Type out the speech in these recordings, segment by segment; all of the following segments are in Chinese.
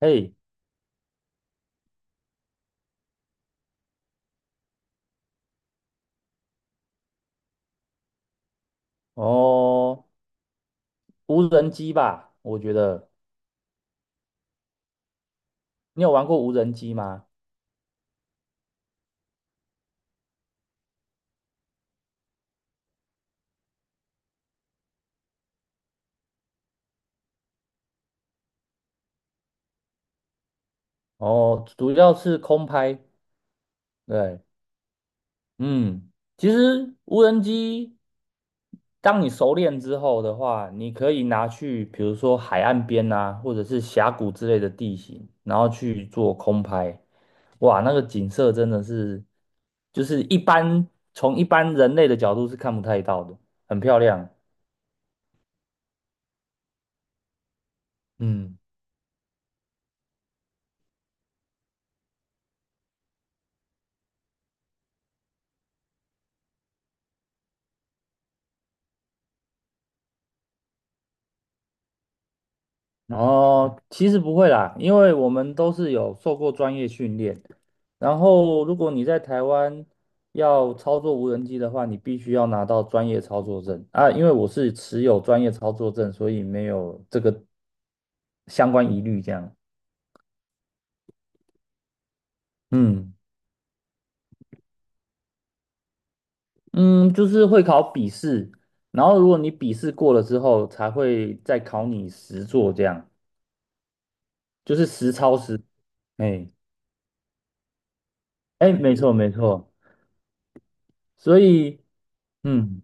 嘿，哦，无人机吧，我觉得你有玩过无人机吗？哦，主要是空拍，对，嗯，其实无人机，当你熟练之后的话，你可以拿去，比如说海岸边啊，或者是峡谷之类的地形，然后去做空拍，哇，那个景色真的是，就是一般从一般人类的角度是看不太到的，很漂亮，嗯。哦，其实不会啦，因为我们都是有受过专业训练。然后，如果你在台湾要操作无人机的话，你必须要拿到专业操作证啊。因为我是持有专业操作证，所以没有这个相关疑虑。这样，嗯嗯，就是会考笔试，然后如果你笔试过了之后，才会再考你实作，这样就是实操实。哎哎，没错没错，所以嗯。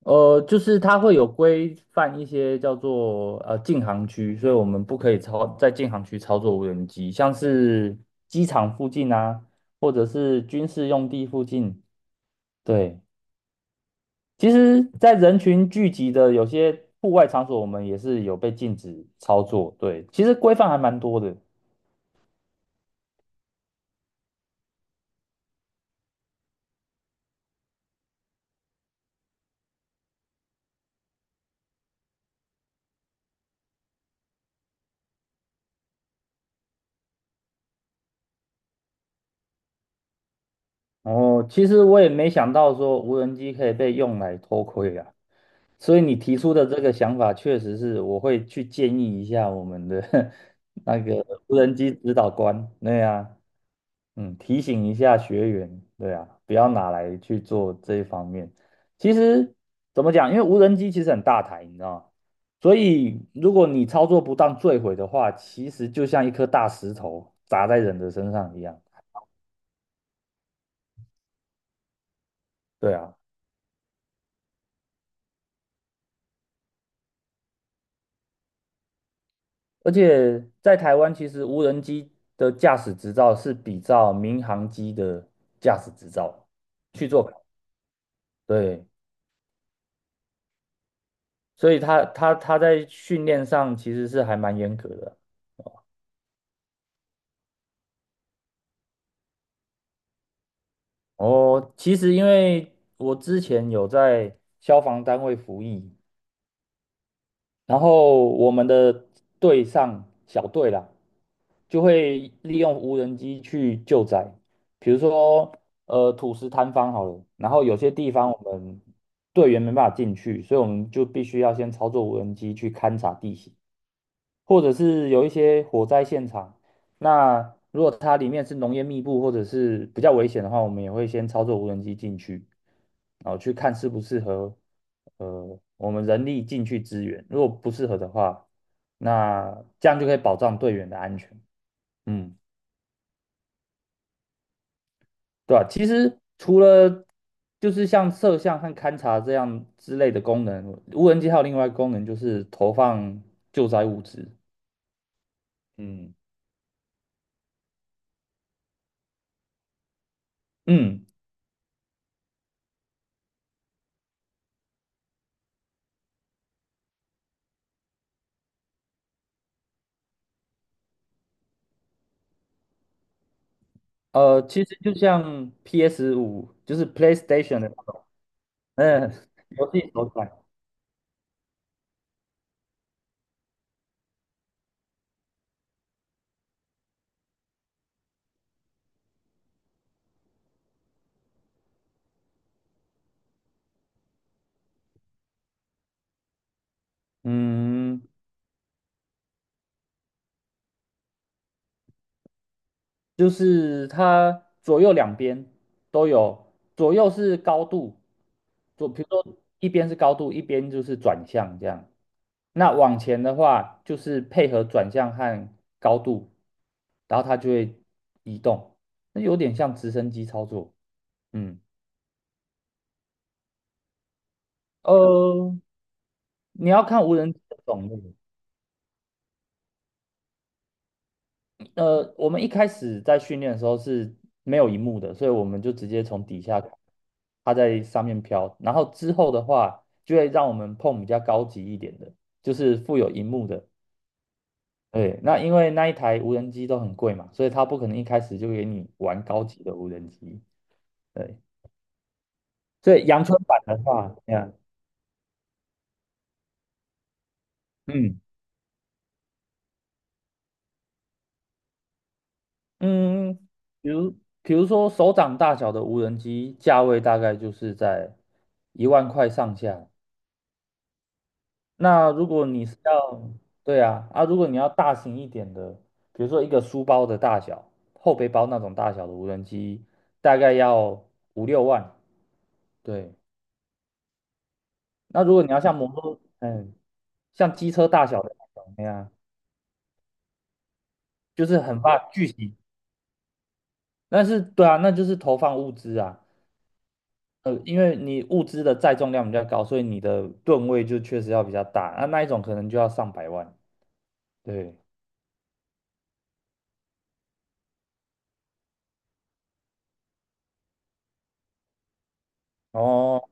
就是它会有规范一些叫做禁航区，所以我们不可以在禁航区操作无人机，像是机场附近啊，或者是军事用地附近。对，其实，在人群聚集的有些户外场所，我们也是有被禁止操作。对，其实规范还蛮多的。哦，其实我也没想到说无人机可以被用来偷窥啊。所以你提出的这个想法，确实是我会去建议一下我们的 那个无人机指导官，对啊，嗯，提醒一下学员，对啊，不要拿来去做这一方面。其实怎么讲，因为无人机其实很大台，你知道吗？所以如果你操作不当坠毁的话，其实就像一颗大石头砸在人的身上一样，对啊。而且在台湾，其实无人机的驾驶执照是比照民航机的驾驶执照去做考，对，所以他在训练上其实是还蛮严格的。哦，其实因为我之前有在消防单位服役，然后我们的队上小队啦，就会利用无人机去救灾，比如说土石坍方好了，然后有些地方我们队员没办法进去，所以我们就必须要先操作无人机去勘察地形，或者是有一些火灾现场，那如果它里面是浓烟密布或者是比较危险的话，我们也会先操作无人机进去，然后去看适不适合，我们人力进去支援。如果不适合的话，那这样就可以保障队员的安全。嗯，对吧？其实除了就是像摄像和勘察这样之类的功能，无人机还有另外一个功能就是投放救灾物资。嗯，嗯。其实就像 PS5，就是 PlayStation 的，嗯，游戏手感，嗯，就是它左右两边都有，左右是高度，比如说一边是高度，一边就是转向这样。那往前的话，就是配合转向和高度，然后它就会移动，那有点像直升机操作。嗯，呃，你要看无人机的种类。我们一开始在训练的时候是没有荧幕的，所以我们就直接从底下看，它在上面飘。然后之后的话，就会让我们碰比较高级一点的，就是附有荧幕的。对，那因为那一台无人机都很贵嘛，所以它不可能一开始就给你玩高级的无人机。对，所以阳春版的话，这样，嗯嗯，比如比如说手掌大小的无人机，价位大概就是在1万块上下。那如果你是要，对啊，如果你要大型一点的，比如说一个书包的大小，后背包那种大小的无人机，大概要5、6万。对，那如果你要像摩托，嗯，像机车大小的那种，那样，就是很怕巨型。但是，对啊，那就是投放物资啊，因为你物资的载重量比较高，所以你的吨位就确实要比较大，那一种可能就要上百万。对，哦，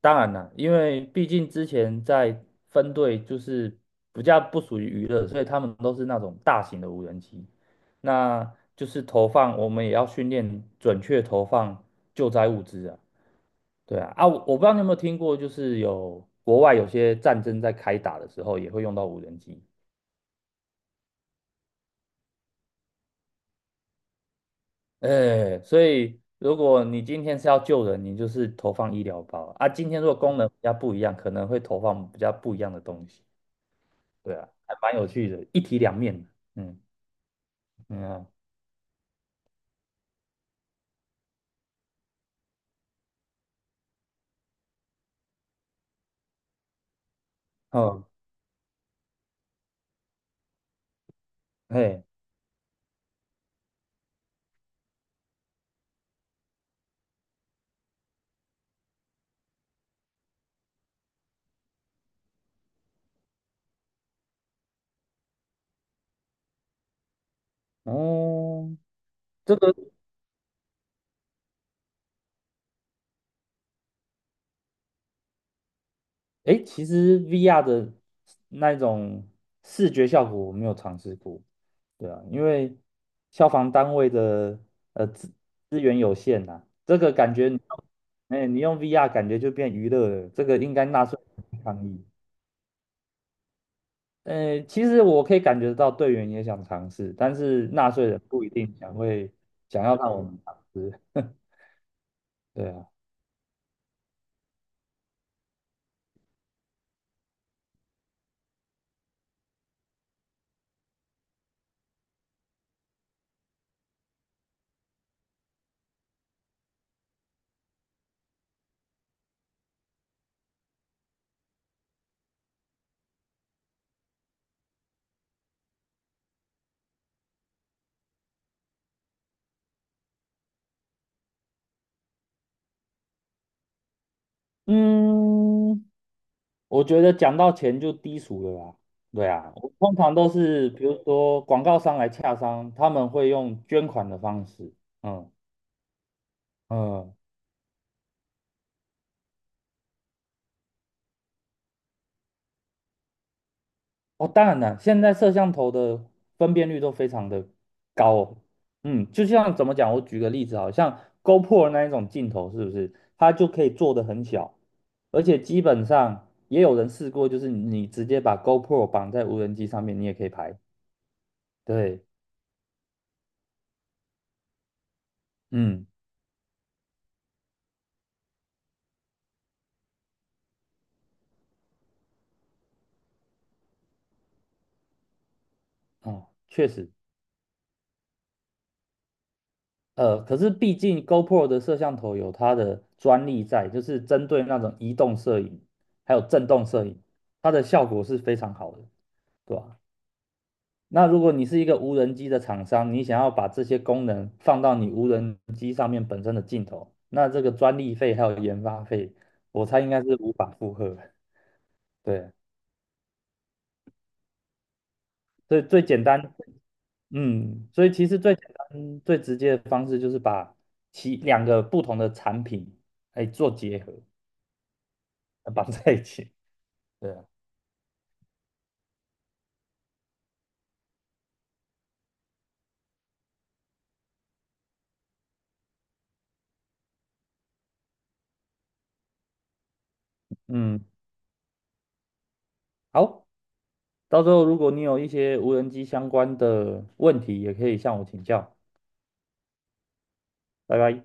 当然啦，因为毕竟之前在分队就是比较不属于娱乐，所以他们都是那种大型的无人机，那就是投放，我们也要训练准确投放救灾物资啊。对啊，我不知道你有没有听过，就是有国外有些战争在开打的时候也会用到无人机，哎，所以如果你今天是要救人，你就是投放医疗包啊。啊今天如果功能比较不一样，可能会投放比较不一样的东西。对啊，还蛮有趣的，一体两面的。嗯嗯啊，哦，嘿，哦，这个，诶，其实 VR 的那种视觉效果我没有尝试过。对啊，因为消防单位的呃资资源有限呐、这个感觉你用 VR 感觉就变娱乐了，这个应该纳税人抗议。其实我可以感觉到队员也想尝试，但是纳税人不一定想会想要让我们尝试。对啊。嗯，我觉得讲到钱就低俗了啦。对啊，我通常都是比如说广告商来洽商，他们会用捐款的方式。嗯嗯，哦，当然了，现在摄像头的分辨率都非常的高哦。嗯，就像怎么讲，我举个例子，好像 GoPro 那一种镜头，是不是它就可以做的很小，而且基本上也有人试过，就是你直接把 GoPro 绑在无人机上面，你也可以拍。对，嗯，哦，确实。可是毕竟 GoPro 的摄像头有它的专利在，就是针对那种移动摄影还有震动摄影，它的效果是非常好的，对吧？那如果你是一个无人机的厂商，你想要把这些功能放到你无人机上面本身的镜头，那这个专利费还有研发费，我猜应该是无法负荷的。对，所以最简单，嗯，所以其实最简单、最直接的方式就是把其两个不同的产品，哎，做结合。绑在一起。对啊，嗯，好，到时候如果你有一些无人机相关的问题，也可以向我请教。拜拜。